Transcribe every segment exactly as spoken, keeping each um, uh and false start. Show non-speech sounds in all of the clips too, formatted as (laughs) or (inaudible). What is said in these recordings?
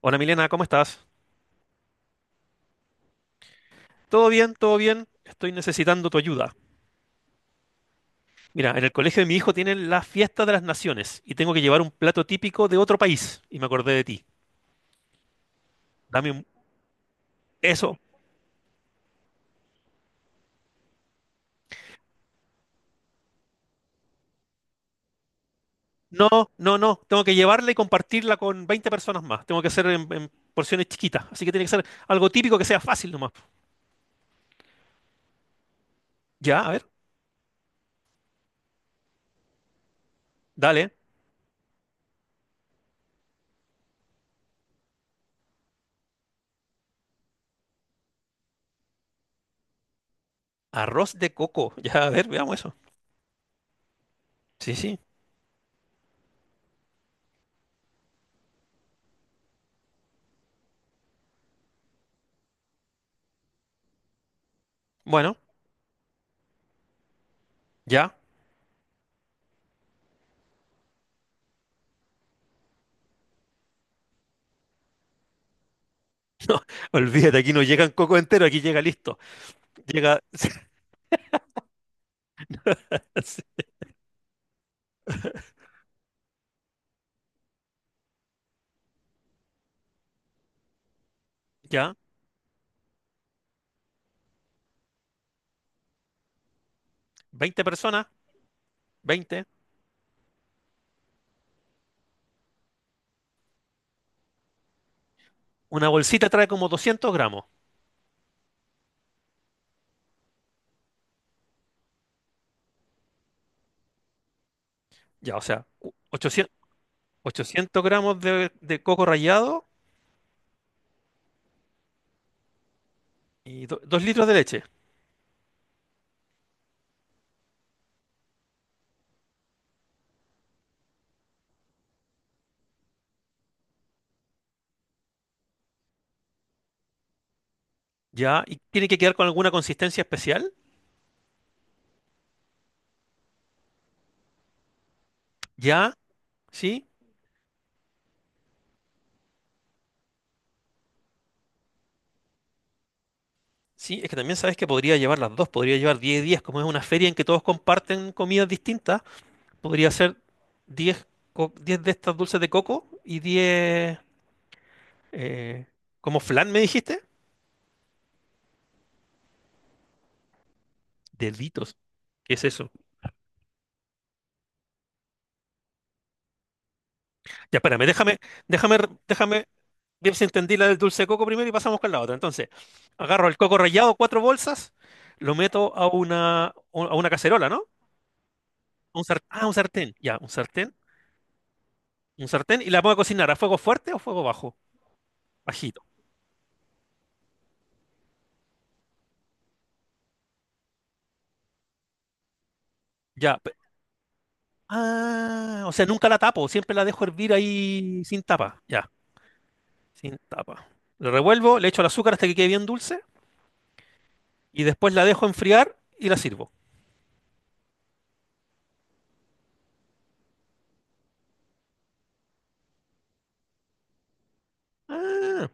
Hola Milena, ¿cómo estás? ¿Todo bien? ¿Todo bien? Estoy necesitando tu ayuda. Mira, en el colegio de mi hijo tienen la fiesta de las naciones y tengo que llevar un plato típico de otro país y me acordé de ti. Dame un... Eso. No, no, no. Tengo que llevarla y compartirla con veinte personas más. Tengo que hacer en, en porciones chiquitas. Así que tiene que ser algo típico que sea fácil nomás. Ya, a ver. Dale. Arroz de coco. (laughs) Ya, a ver, veamos eso. Sí, sí. Bueno, ya. Olvídate, aquí no llegan coco entero, aquí llega listo. Llega... (laughs) Ya. veinte personas. Veinte. Una bolsita trae como doscientos gramos. Ya, o sea, ochocientos, 800 gramos de, de coco rallado y dos litros de leche. Ya, y tiene que quedar con alguna consistencia especial. Ya, sí, sí, es que también sabes que podría llevar las dos, podría llevar diez días, como es una feria en que todos comparten comidas distintas, podría ser diez, co- diez de estas dulces de coco y diez, eh, como flan, me dijiste, deditos. ¿Qué es eso? Ya, espérame, déjame, déjame, déjame. Bien, si entendí la del dulce de coco primero y pasamos con la otra. Entonces, agarro el coco rallado, cuatro bolsas, lo meto a una, a una cacerola, ¿no? A un sar- ah, un sartén, ya, un sartén, un sartén, y la pongo a cocinar a fuego fuerte o fuego bajo, bajito. Ya. pe- Ah, o sea, nunca la tapo, siempre la dejo hervir ahí sin tapa, ya, sin tapa. Lo revuelvo, le echo el azúcar hasta que quede bien dulce y después la dejo enfriar y la sirvo. Ah,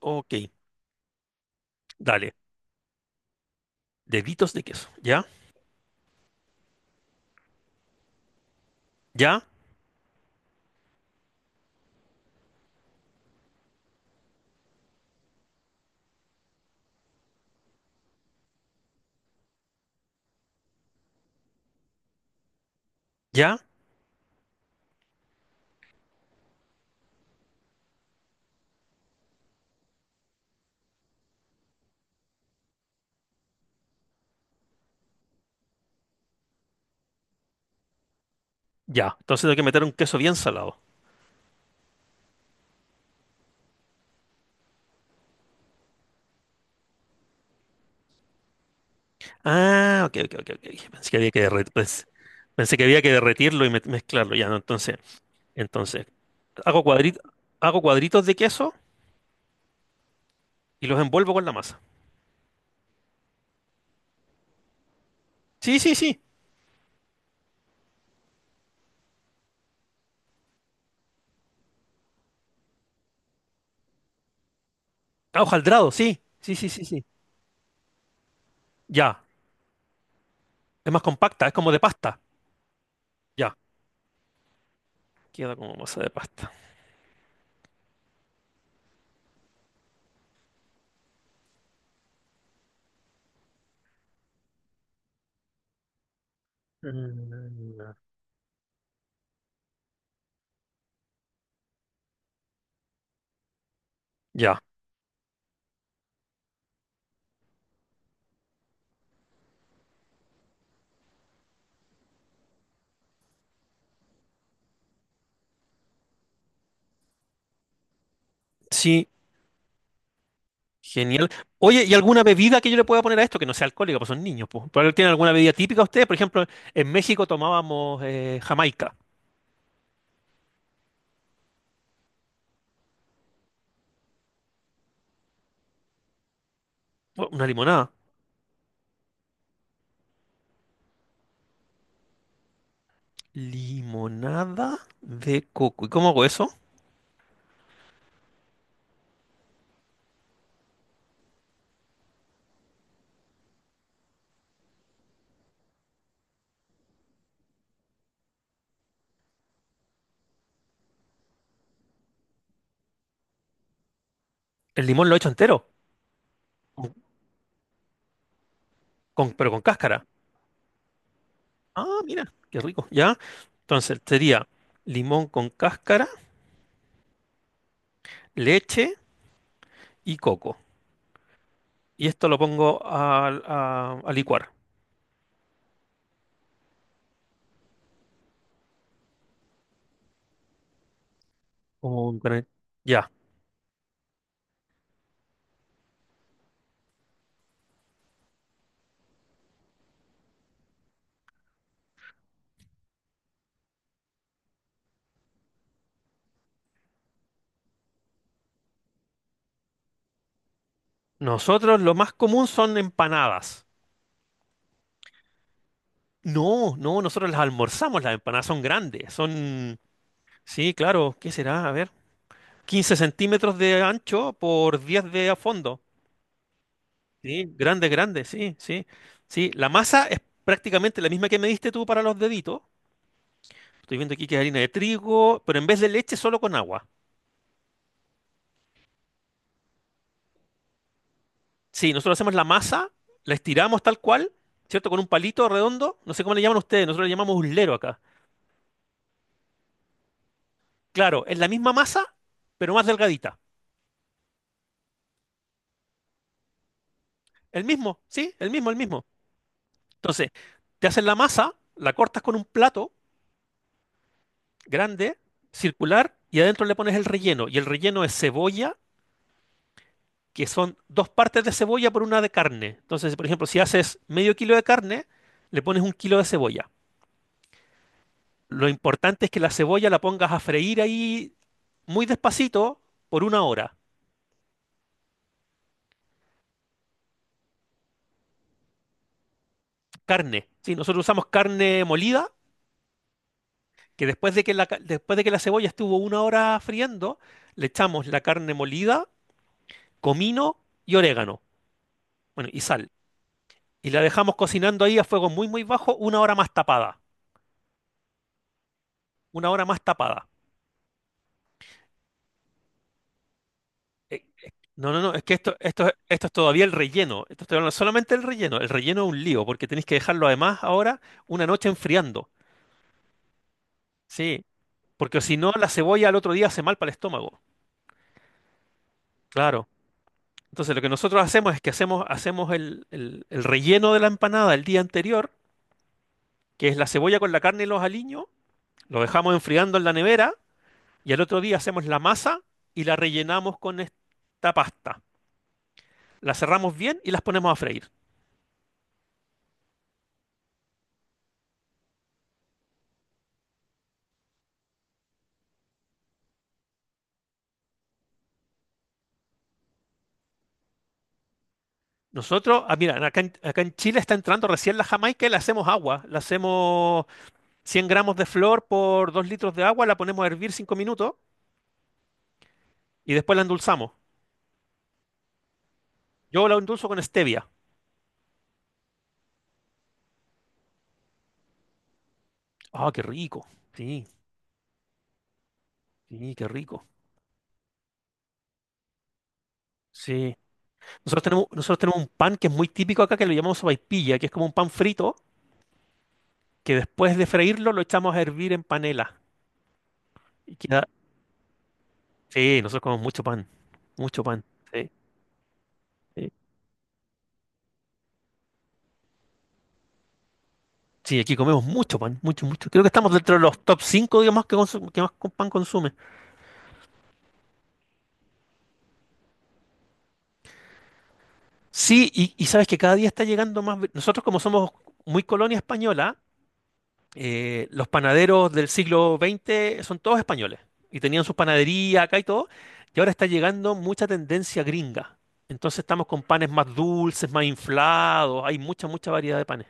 ok, dale, deditos de queso, ya, ya, ya. Ya, entonces tengo que meter un queso bien salado. Ah, ok, ok, ok, ok. Pensé que había que derre- pues, pensé que había que derretirlo y me- mezclarlo. Ya, no, entonces, entonces, hago cuadritos, hago cuadritos de queso y los envuelvo con la masa. Sí, sí, sí. Ah, hojaldrado, sí. Sí, sí, sí, sí. Ya. Es más compacta, es como de pasta. Ya. Queda como masa de pasta. Mm. Ya. Sí, Genial. Oye, ¿y alguna bebida que yo le pueda poner a esto que no sea alcohólica, pues son niños, pues? ¿Pero tienen alguna bebida típica ustedes? Por ejemplo, en México tomábamos eh, Jamaica. Bu- Una limonada. Limonada de coco. ¿Y cómo hago eso? El limón lo he hecho entero, con- con- pero con cáscara. Ah, mira, qué rico. ¿Ya? Entonces, sería limón con cáscara, leche y coco. Y esto lo pongo al- a, a licuar. Como un gran- Ya. Nosotros lo más común son empanadas. No, no, nosotros las almorzamos, las empanadas son grandes, son, sí, claro, ¿qué será? A ver, quince centímetros de ancho por diez de a fondo. Sí, grande, grande, sí, sí. Sí, la masa es prácticamente la misma que me diste tú para los deditos. Estoy viendo aquí que es harina de trigo, pero en vez de leche solo con agua. Sí, nosotros hacemos la masa, la estiramos tal cual, ¿cierto? Con un palito redondo, no sé cómo le llaman ustedes, nosotros le llamamos uslero acá. Claro, es la misma masa, pero más delgadita. El mismo, sí, el mismo, el mismo. Entonces, te haces la masa, la cortas con un plato grande, circular, y adentro le pones el relleno. Y el relleno es cebolla, que son dos partes de cebolla por una de carne. Entonces, por ejemplo, si haces medio kilo de carne, le pones un kilo de cebolla. Lo importante es que la cebolla la pongas a freír ahí muy despacito por una hora. Carne. Sí, nosotros usamos carne molida, que después de que la, ca- después de que la cebolla estuvo una hora friendo, le echamos la carne molida, comino y orégano. Bueno, y sal. Y la dejamos cocinando ahí a fuego muy, muy bajo, una hora más tapada. Una hora más tapada. Eh, eh, no, no, no, es que esto, esto, esto es todavía el relleno. Esto estoy hablando solamente el relleno. El relleno es un lío, porque tenéis que dejarlo además ahora una noche enfriando. Sí, porque si no, la cebolla al otro día hace mal para el estómago. Claro. Entonces, lo que nosotros hacemos es que hacemos, hacemos el, el- el relleno de la empanada el día anterior, que es la cebolla con la carne y los aliños. Lo dejamos enfriando en la nevera. Y al otro día hacemos la masa y la rellenamos con esta pasta. La cerramos bien y las ponemos a freír. Nosotros, ah, mira, acá en, acá en Chile está entrando recién la jamaica y la hacemos agua. La hacemos cien gramos de flor por dos litros de agua, la ponemos a hervir cinco minutos y después la endulzamos. Yo la endulzo con stevia. Ah, qué rico. Sí, sí, qué rico. Sí. Nosotros tenemos, nosotros tenemos un pan que es muy típico acá, que lo llamamos sopaipilla, que es como un pan frito, que después de freírlo lo echamos a hervir en panela. Sí, nosotros comemos mucho pan, mucho pan. Sí, sí. Sí, aquí comemos mucho pan, mucho, mucho. Creo que estamos dentro de los top cinco, digamos, que, consu- que más con pan consume. Sí, y, y sabes que cada día está llegando más. ve- Nosotros como somos muy colonia española, eh, los panaderos del siglo veinte son todos españoles y tenían sus panaderías acá y todo, y ahora está llegando mucha tendencia gringa. Entonces estamos con panes más dulces, más inflados, hay mucha, mucha variedad de panes.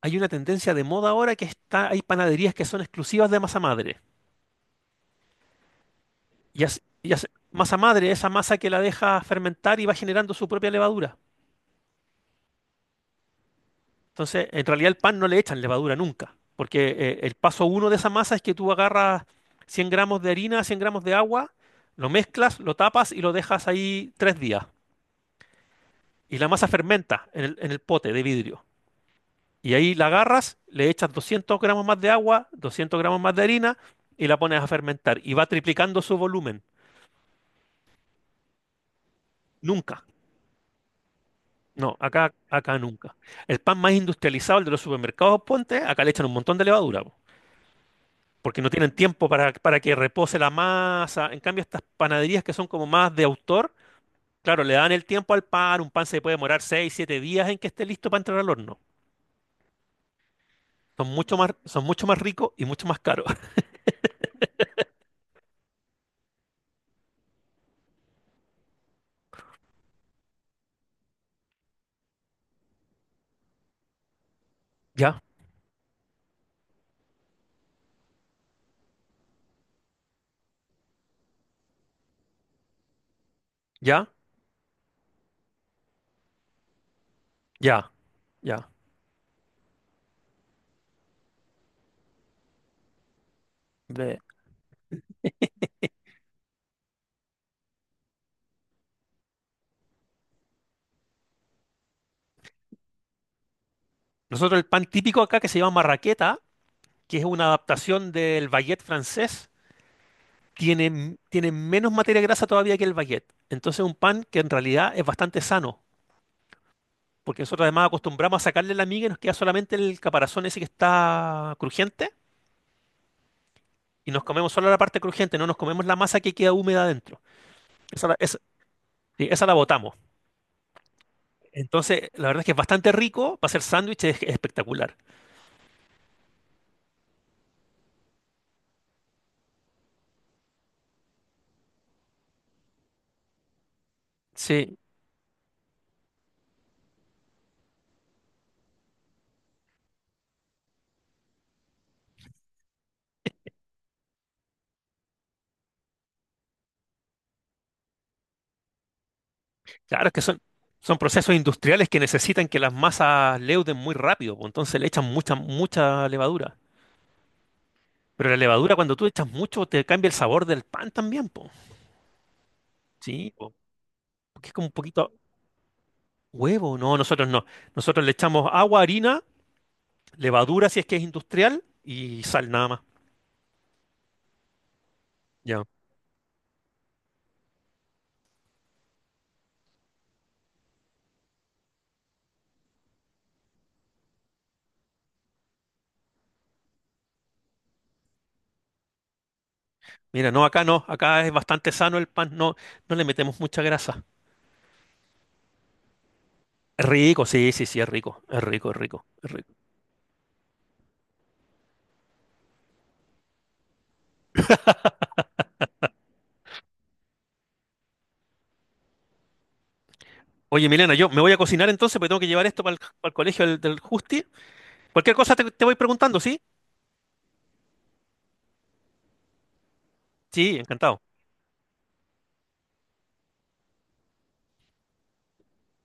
hay una tendencia de moda ahora que está, hay panaderías que son exclusivas de masa madre. Y hace- y hace- masa madre, esa masa que la deja fermentar y va generando su propia levadura. Entonces, en realidad el pan no le echan levadura nunca, porque eh, el paso uno de esa masa es que tú agarras cien gramos de harina, cien gramos de agua, lo mezclas, lo tapas y lo dejas ahí tres días. Y la masa fermenta en el, en el pote de vidrio. Y ahí la agarras, le echas doscientos gramos más de agua, doscientos gramos más de harina y la pones a fermentar. Y va triplicando su volumen. Nunca. No, acá, acá nunca. El pan más industrializado, el de los supermercados, ponte, acá le echan un montón de levadura, po, porque no tienen tiempo para, para que repose la masa. En cambio, estas panaderías que son como más de autor, claro, le dan el tiempo al pan, un pan se puede demorar seis siete días en que esté listo para entrar al horno. Son mucho más, son mucho más ricos y mucho más caros. (laughs) Ya, ya, ya, ya. De- Nosotros el pan típico acá que se llama marraqueta, que es una adaptación del baguette francés, tiene, m- tiene menos materia grasa todavía que el baguette. Entonces un pan que en realidad es bastante sano, porque nosotros además acostumbramos a sacarle la miga y nos queda solamente el caparazón ese que está crujiente y nos comemos solo la parte crujiente, no nos comemos la masa que queda húmeda adentro. Esa la, esa, sí, esa la botamos. Entonces, la verdad es que es bastante rico para hacer sándwich, es es espectacular. Sí, claro, es que son, son procesos industriales que necesitan que las masas leuden muy rápido, pues, entonces le echan mucha, mucha levadura. Pero la levadura, cuando tú echas mucho, te cambia el sabor del pan también, po. Sí, po, porque es como un poquito huevo. No, nosotros no. Nosotros le echamos agua, harina, levadura si es que es industrial y sal nada más. Ya. Mira, no, acá no. Acá es bastante sano el pan. No, no le metemos mucha grasa. Rico, sí, sí, sí, es rico. Es rico, es rico, es rico. Oye, Milena, yo me voy a cocinar entonces porque tengo que llevar esto para el, colegio del, del Justi. Cualquier cosa te, te voy preguntando, ¿sí? Sí, encantado.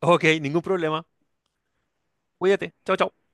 Ok, ningún problema. Cuídate. Chao, chao.